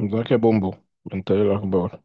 ازيك يا بومبو. انت ايه الاخبار؟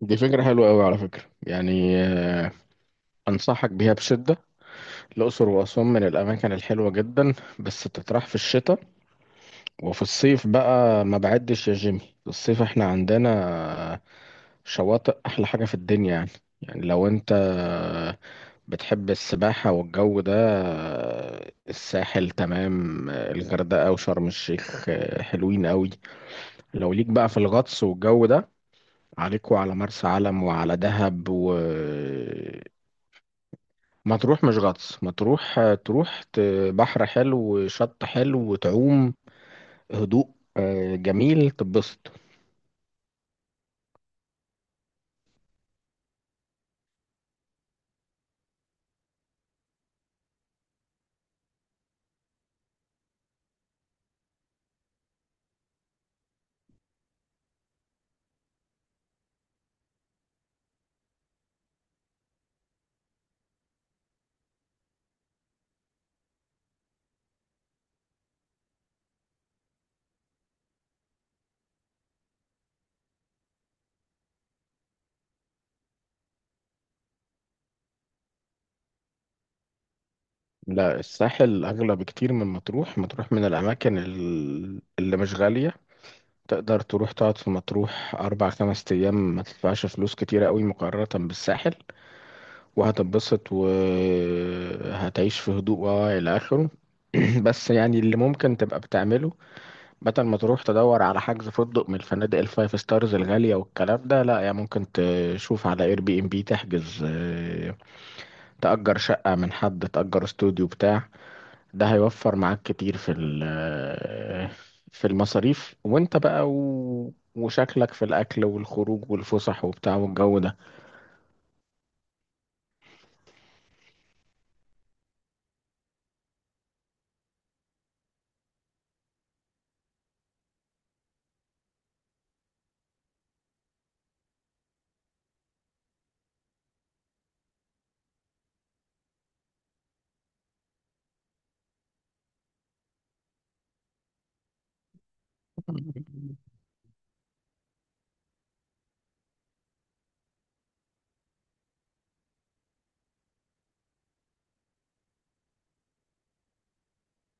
دي فكرة حلوة قوي على فكرة يعني، انصحك بيها بشدة. الاقصر واسوان من الاماكن الحلوة جدا، بس بتطرح في الشتاء. وفي الصيف بقى ما بعدش يا جيمي، في الصيف احنا عندنا آه، شواطئ احلى حاجة في الدنيا يعني. يعني لو انت بتحب السباحة والجو ده، الساحل تمام، الغردقة وشرم الشيخ حلوين قوي. لو ليك بقى في الغطس والجو ده، عليك وعلى مرسى علم وعلى دهب مطروح مش غطس. مطروح تروح بحر حلو وشط حلو وتعوم، هدوء، جميل تبسط. لا الساحل أغلى بكتير من مطروح. مطروح من الأماكن اللي مش غالية، تقدر تروح تقعد في مطروح أربع خمس أيام ما تدفعش فلوس كتيرة قوي مقارنة بالساحل، وهتتبسط وهتعيش في هدوء إلى آخره. بس يعني اللي ممكن تبقى بتعمله، بدل ما تروح تدور على حجز فندق من الفنادق الفايف ستارز الغالية والكلام ده، لا يعني ممكن تشوف على اير بي ام بي، تحجز تأجر شقة من حد، تأجر استوديو بتاع. ده هيوفر معاك كتير في في المصاريف، وانت بقى وشكلك في الأكل والخروج والفسح وبتاع والجو ده.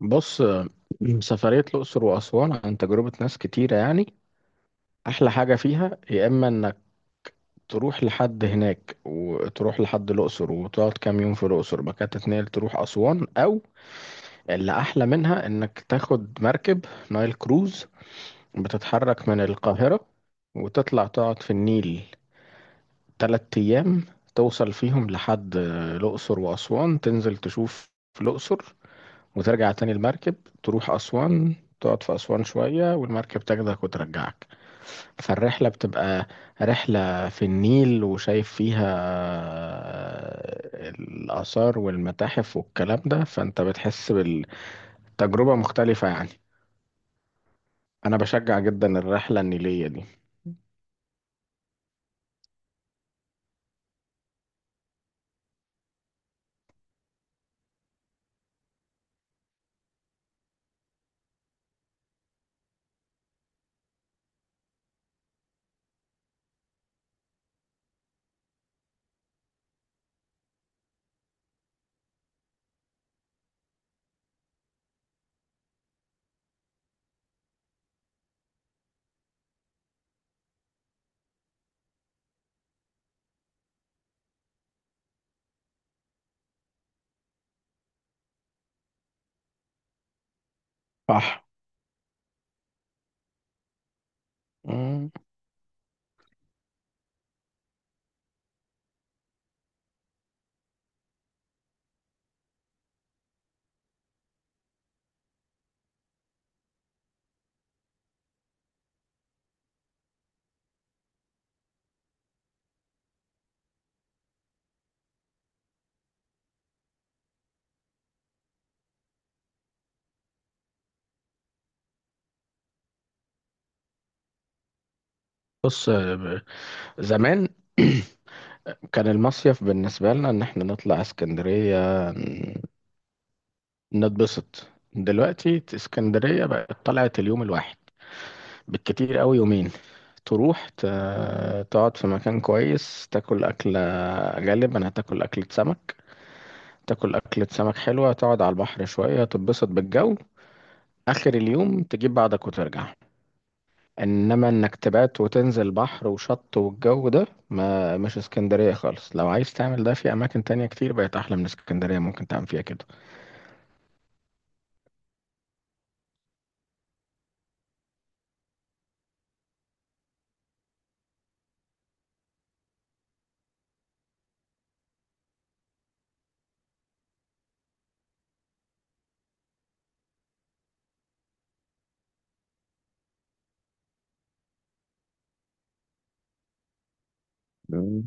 بص، سفرية الأقصر وأسوان عن تجربة ناس كتيرة يعني. أحلى حاجة فيها يا إما إنك تروح لحد هناك وتروح لحد الأقصر وتقعد كام يوم في الأقصر، بعد كده تتنقل تروح أسوان. أو اللي أحلى منها إنك تاخد مركب نايل كروز، بتتحرك من القاهرة وتطلع تقعد في النيل تلات أيام، توصل فيهم لحد الأقصر وأسوان، تنزل تشوف الأقصر وترجع تاني المركب، تروح أسوان، تقعد في أسوان شوية والمركب تاخدك وترجعك. فالرحلة بتبقى رحلة في النيل وشايف فيها الآثار والمتاحف والكلام ده، فأنت بتحس بالتجربة مختلفة يعني. أنا بشجع جدا الرحلة النيلية دي. صح. مم. بص، زمان كان المصيف بالنسبة لنا إن إحنا نطلع اسكندرية نتبسط. دلوقتي اسكندرية بقت طلعت اليوم الواحد، بالكتير قوي يومين. تروح تقعد في مكان كويس، تاكل أكلة، غالبا هتاكل أكلة سمك. تاكل أكلة سمك حلوة، تقعد على البحر شوية تتبسط بالجو، آخر اليوم تجيب بعضك وترجع. إنما إنك تبات وتنزل بحر وشط والجو ده، ما مش اسكندرية خالص. لو عايز تعمل ده في أماكن تانية كتير بقت أحلى من اسكندرية ممكن تعمل فيها كده. مم.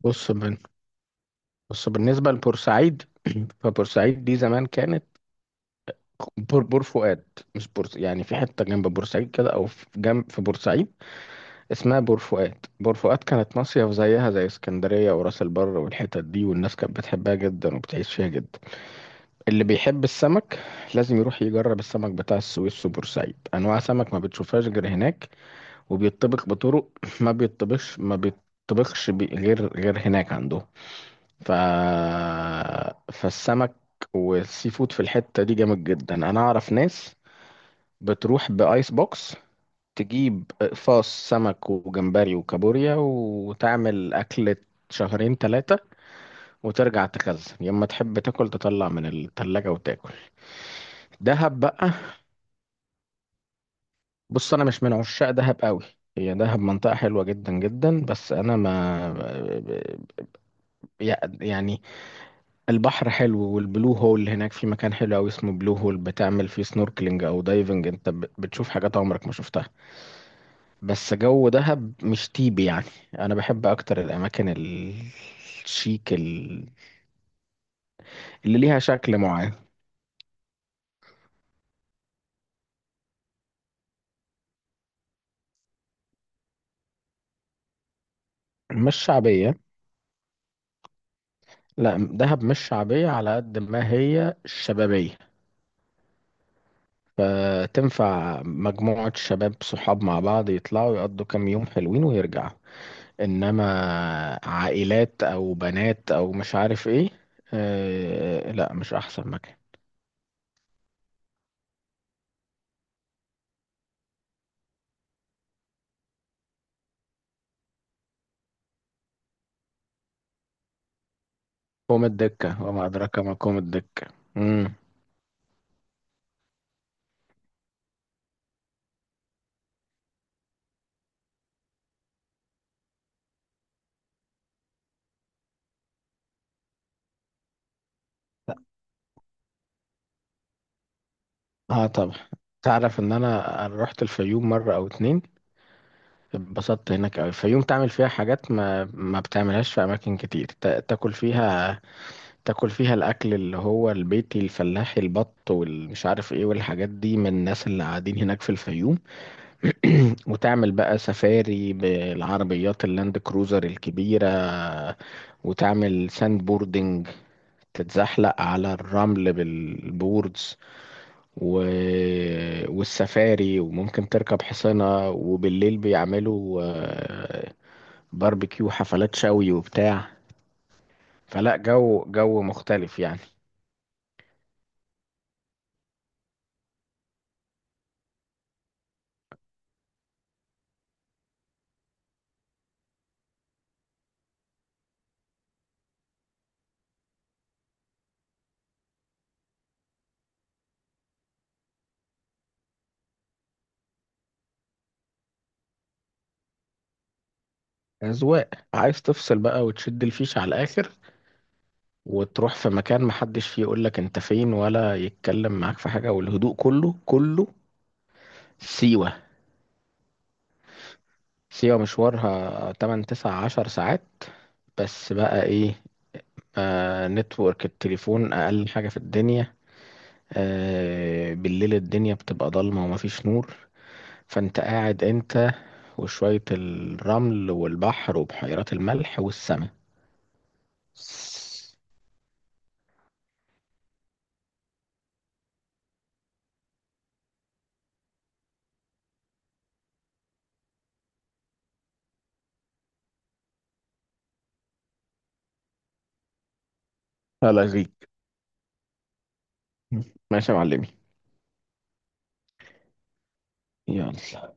بص من بس بالنسبة لبورسعيد، فبورسعيد دي زمان كانت بور فؤاد. مش بورس يعني، في حتة جنب بورسعيد كده أو في جنب في بورسعيد اسمها بور فؤاد. بور فؤاد كانت مصيف زيها زي اسكندرية وراس البر والحتت دي، والناس كانت بتحبها جدا وبتعيش فيها جدا. اللي بيحب السمك لازم يروح يجرب السمك بتاع السويس وبورسعيد، أنواع سمك ما بتشوفهاش غير هناك، وبيطبخ بطرق ما بيطبخش ما بيطبخش بي- غير هناك عندهم. ف... فالسمك والسي فود في الحتة دي جامد جدا. انا اعرف ناس بتروح بايس بوكس، تجيب اقفاص سمك وجمبري وكابوريا وتعمل اكلة شهرين ثلاثة، وترجع تخزن، يا اما تحب تاكل تطلع من التلاجة وتاكل. دهب بقى، بص انا مش من عشاق دهب قوي. هي دهب منطقة حلوة جدا جدا، بس انا ما يعني، البحر حلو والبلو هول هناك، في مكان حلو أوي اسمه بلو هول بتعمل فيه سنوركلينج أو دايفنج، أنت بتشوف حاجات عمرك ما شفتها. بس جو دهب مش تيبي يعني، أنا بحب أكتر الأماكن الشيك، اللي ليها شكل معين. مش شعبية، لا دهب مش شعبية على قد ما هي شبابية. فتنفع مجموعة شباب صحاب مع بعض يطلعوا يقضوا كام يوم حلوين ويرجعوا. انما عائلات او بنات او مش عارف ايه، آه لا مش احسن مكان. قوم الدكة وما ادراك ما قوم الدكة. امم اه طبعا. تعرف ان أنا رحت الفيوم مرة او اتنين، اتبسطت هناك أوي. الفيوم تعمل فيها حاجات ما بتعملهاش في اماكن كتير. تاكل فيها، تاكل فيها الاكل اللي هو البيتي الفلاحي، البط والمش عارف ايه والحاجات دي، من الناس اللي قاعدين هناك في الفيوم. وتعمل بقى سفاري بالعربيات اللاند كروزر الكبيرة، وتعمل ساند بوردنج، تتزحلق على الرمل بالبوردز، و... والسفاري، وممكن تركب حصانة، وبالليل بيعملوا باربيكيو، حفلات شوي وبتاع. فلا، جو مختلف يعني. أذواق، عايز تفصل بقى وتشد الفيش على الآخر، وتروح في مكان محدش فيه يقولك انت فين ولا يتكلم معاك في حاجة، والهدوء كله كله. سيوة. سيوة مشوارها 8 9 10 ساعات، بس بقى ايه، آه نتورك التليفون اقل حاجة في الدنيا، آه بالليل الدنيا بتبقى ضلمة ومفيش نور، فانت قاعد انت وشوية الرمل والبحر وبحيرات الملح والسماء. هلا غيك. ماشي يا معلمي. يلا.